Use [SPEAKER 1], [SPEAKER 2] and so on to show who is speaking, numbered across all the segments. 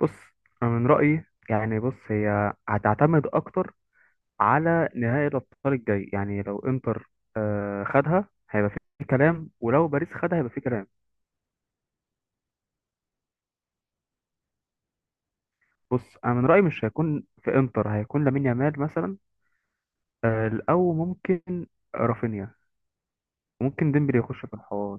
[SPEAKER 1] بص، أنا من رأيي، يعني بص، هي هتعتمد أكتر على نهائي الأبطال الجاي. يعني لو إنتر خدها هيبقى في كلام، ولو باريس خدها هيبقى في كلام. بص، أنا من رأيي مش هيكون في إنتر، هيكون لامين يامال مثلا. أو ممكن رافينيا، ممكن ديمبلي يخش في الحوار.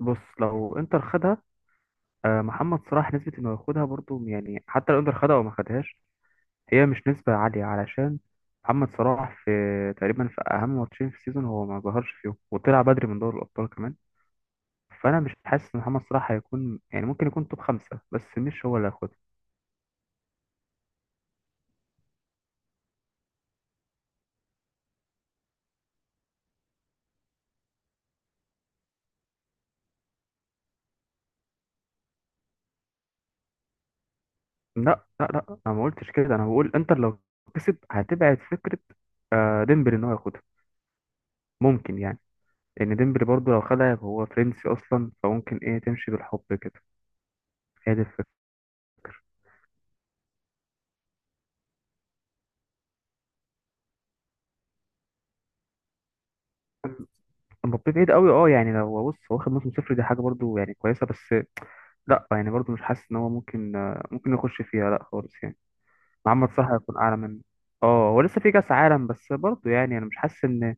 [SPEAKER 1] بص، لو إنتر خدها محمد صلاح نسبة إنه ياخدها برضو، يعني حتى لو إنتر خدها أو ما خدهاش، هي مش نسبة عالية. علشان محمد صلاح في تقريبا في أهم ماتشين في السيزون هو ما ظهرش فيهم، وطلع بدري من دوري الأبطال كمان. فأنا مش حاسس إن محمد صلاح هيكون، يعني ممكن يكون توب خمسة، بس مش هو اللي هياخدها. لا لا لا، أنا ما قلتش كده، أنا بقول إنتر لو كسب هتبعد فكرة ديمبلي إن هو ياخدها. ممكن يعني، لأن ديمبلي برضه لو خدها، يبقى هو فرنسي أصلا، فممكن إيه تمشي بالحب كده. هي دي الفكرة. مبابي بعيد قوي، اه يعني لو بص، هو واخد موسم صفر، دي حاجة برضه يعني كويسة، بس لا يعني برضو مش حاسس ان هو ممكن يخش فيها لا خالص يعني. محمد صلاح هيكون اعلى منه. اه، هو لسه في كاس عالم، بس برضو يعني انا مش حاسس ان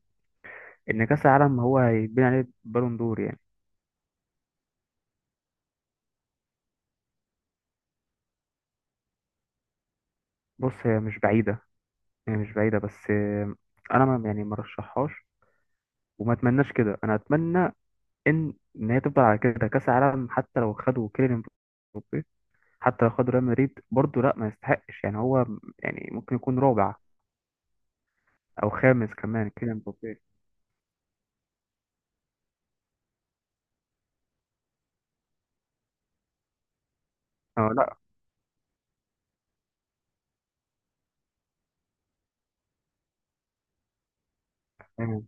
[SPEAKER 1] ان كاس العالم هو هيتبني عليه بالون دور يعني. بص، هي مش بعيده، هي مش بعيده، بس انا، ما يعني ما رشحهاش وما اتمناش كده. انا اتمنى ان هي تفضل على كده كاس العالم. حتى لو خدوا كيليان مبابي، حتى لو خدوا ريال مدريد برضو، لا ما يستحقش يعني. هو يعني ممكن يكون رابع او خامس كمان كيليان مبابي. اه لا، يعني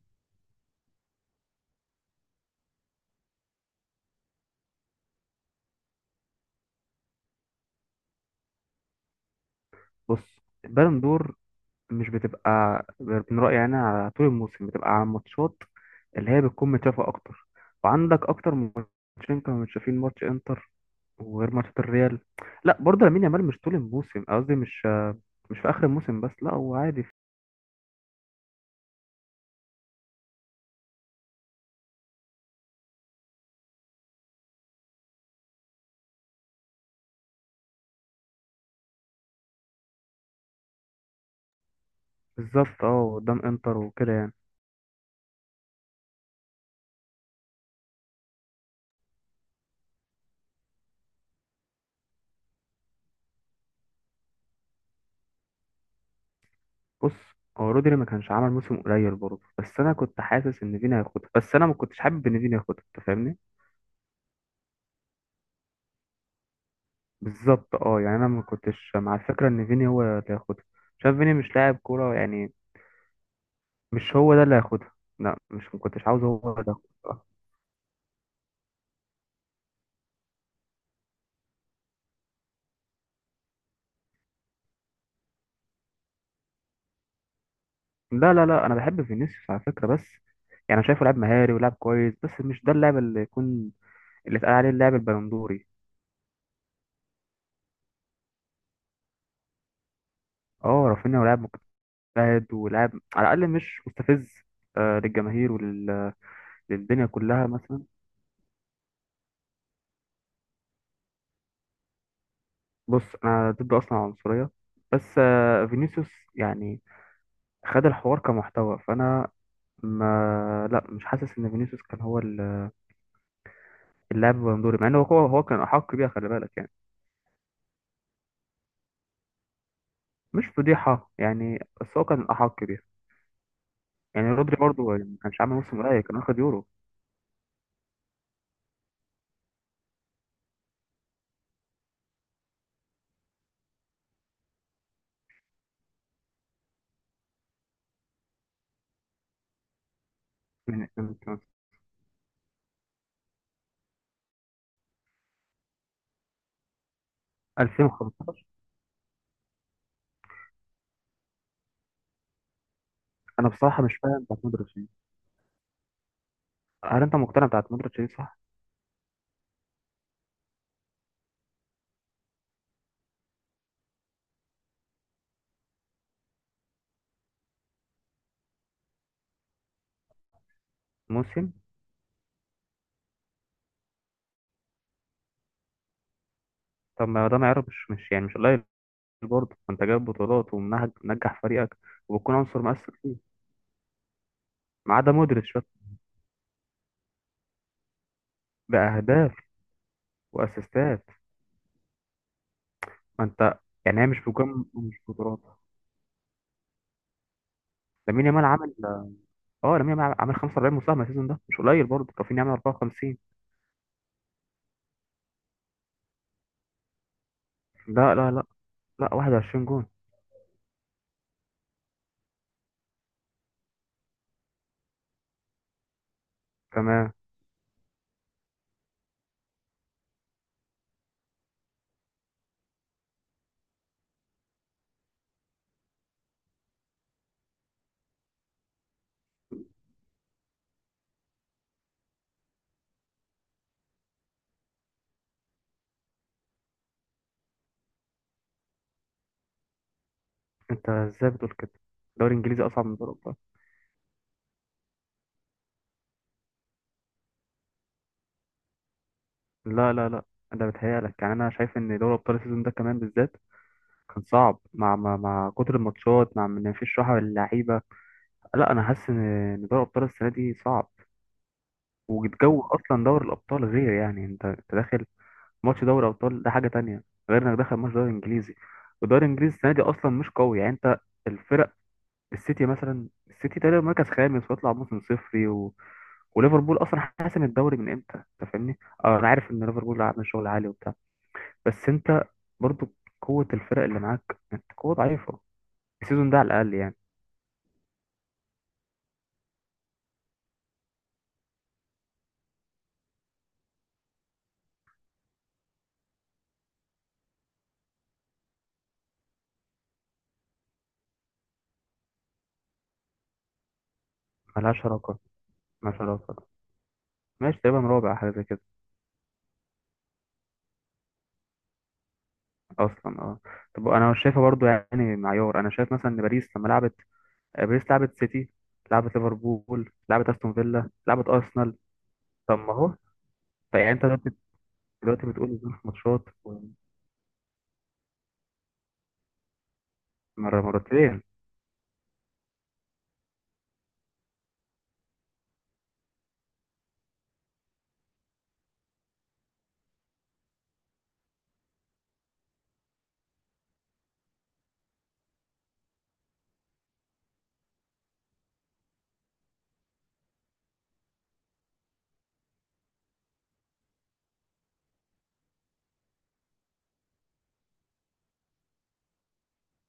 [SPEAKER 1] بص، بالون دور مش بتبقى، من رأيي أنا، على طول الموسم بتبقى على الماتشات اللي هي بتكون متشافة أكتر، وعندك أكتر من ماتشين كانوا متشافين، ماتش إنتر وغير ماتشات الريال. لا برضه، لامين يامال مش طول الموسم، قصدي مش في آخر الموسم بس، لا هو عادي. بالظبط، اه، قدام إنتر وكده يعني. بص، هو رودري ما كانش عمل موسم قليل برضه، بس أنا كنت حاسس إن فيني هياخدها، بس أنا ما كنتش حابب إن فيني ياخدها. أنت فاهمني؟ بالظبط، اه يعني انا ما كنتش مع الفكره ان فيني هو اللي هياخدها. شايف فيني مش لاعب كوره يعني، مش هو ده اللي هياخدها. لا مش، ما كنتش عاوز هو ده ياخدها. لا لا لا، انا بحب فينيسيوس على فكره، بس يعني انا شايفه لاعب مهاري ولاعب كويس، بس مش ده اللاعب اللي يكون اللي اتقال عليه اللاعب البلندوري. اه، رافينيا هو لاعب مجتهد ولاعب، على الاقل مش مستفز للجماهير وللدنيا كلها مثلا. بص، انا ضد اصلا العنصريه، بس فينيسيوس يعني، خد الحوار كمحتوى. فانا ما، لا مش حاسس ان فينيسيوس كان هو اللاعب البندوري، مع انه هو كان احق بيها، خلي بالك يعني. مش فضيحه يعني، بس هو كان احق بيها. يعني رودري برضه، يعني ما كانش عامل موسم قليل، كان واخد يورو من 2015. انا بصراحه مش فاهم بتاعت مودريتش دي. هل انت مقتنع بتاعت مودريتش دي؟ صح. موسم. طب ما ده معيار، مش يعني مش قليل برضه، انت جايب بطولات ومنجح فريقك وبتكون عنصر مؤثر فيه. ما عدا مودريتش بقى. باهداف واسيستات. ما انت، يعني هي مش بجم، مش بطولات. لامين يامال عمل اه لامين يامال عمل 45 مساهمة السيزون ده، مش قليل برضه، كافيني عمل 54. لا لا لا لا، 21 جون كمان. انت ازاي بتقول كده؟ الدوري الانجليزي اصعب من دوري الابطال؟ لا لا لا، ده بتهيألك يعني. انا شايف ان دوري الابطال السيزون ده كمان بالذات كان صعب، مع كتر الماتشات، مع ان مفيش راحة للعيبة. لا، انا حاسس إن دوري الابطال السنة دي صعب. والجو اصلا دوري الابطال غير. يعني انت داخل ماتش دوري ابطال، ده حاجه تانية غير انك داخل ماتش دوري انجليزي. والدوري الانجليزي السنه دي اصلا مش قوي، يعني انت، الفرق، السيتي مثلا، السيتي تقريبا مركز خامس ويطلع موسم صفري، وليفربول اصلا حاسم الدوري من امتى، انت فاهمني. اه، انا عارف ان ليفربول عامل شغل عالي وبتاع، بس انت برضو قوه الفرق اللي معاك، انت قوه ضعيفه السيزون ده على الاقل يعني. ملهاش علاقه، ملهاش علاقه. ماشي، تقريبا رابع حاجه زي كده اصلا، اه. طب، انا شايفه برضو يعني معيار، انا شايف مثلا ان باريس لما لعبت باريس لعبت سيتي، لعبت ليفربول، لعبت استون فيلا، لعبت ارسنال. طب ما هو، طيب يعني انت دلوقتي بتقول إن في ماتشات، مره، مرتين.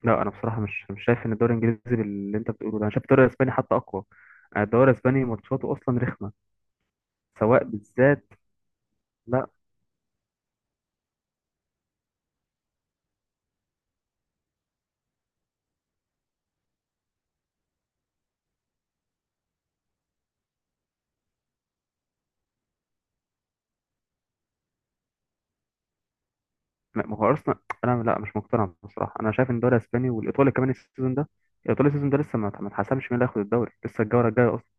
[SPEAKER 1] لا، انا بصراحه مش شايف ان الدوري الانجليزي باللي انت بتقوله ده. انا شايف الدوري الاسباني حتى اقوى. أنا الدوري الاسباني ماتشاته اصلا رخمه سواء بالذات. لا. ما هو ارسنال. انا، لا مش مقتنع بصراحه. انا شايف ان الدوري الاسباني والايطالي كمان السيزون ده. الايطالي السيزون ده لسه ما اتحسمش مين اللي هياخد الدوري لسه، الجوله الجايه اصلا.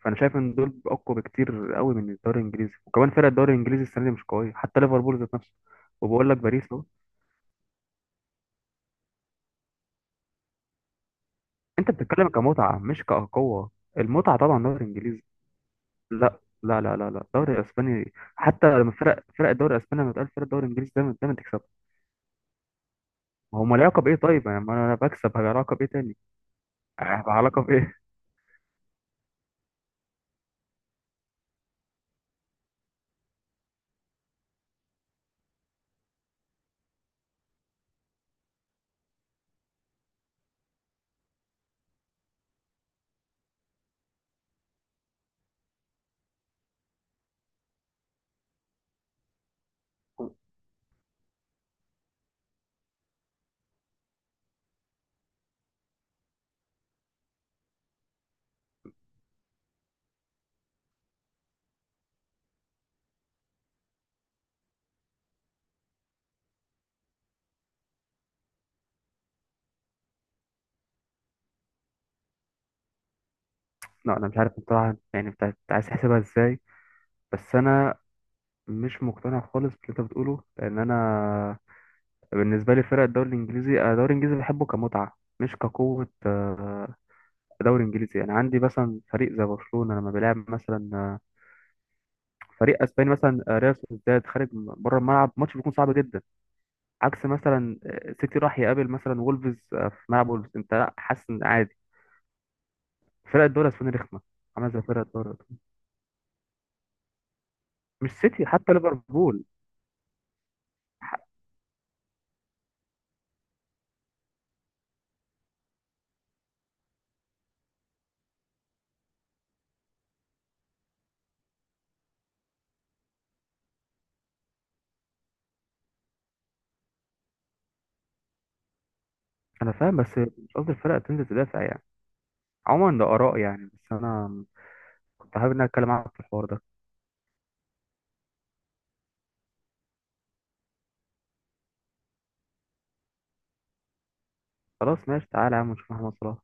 [SPEAKER 1] فانا شايف ان دول اقوى بكتير قوي من الدوري الانجليزي، وكمان فرق الدوري الانجليزي السنه دي مش قويه، حتى ليفربول ذات نفسه. وبقول لك باريس اهو. انت بتتكلم كمتعه مش كقوه. المتعه طبعا دوري انجليزي. لا لا لا لا لا، الدوري الاسباني حتى لما فرق الدوري الاسباني، لما تقول فرق الدوري الانجليزي دايما دايما تكسب. ما هم، العلاقه بايه؟ طيب يعني ما انا بكسب، هي علاقه بايه تاني؟ هيبقى علاقه بايه؟ لا، انا مش عارف بصراحه يعني عايز تحسبها ازاي. بس انا مش مقتنع خالص باللي انت بتقوله، لان انا بالنسبة لي فرق الدوري الإنجليزي، أنا الدوري الإنجليزي بحبه كمتعة مش كقوة. دوري إنجليزي يعني عندي مثلا فريق زي برشلونة لما بيلعب مثلا فريق أسباني مثلا ريال سوسيداد، خارج بره الملعب ماتش بيكون صعب جدا. عكس مثلا سيتي راح يقابل مثلا وولفز في ملعب وولفز، أنت لا حاسس إن عادي. فرق الدوري الأسباني رخمة، عاملة زي فرق الدوري الإيطالي. مش سيتي، حتى ليفربول. ح- أنا فاهم، بس مش قصدي الفرق تنزل تدافع يعني. عموما ده آراء يعني. بس أنا كنت حابب إن أنا أتكلم معاك في الحوار ده. خلاص، ماشي، تعالى يا عم نشوف، احنا وصلنا.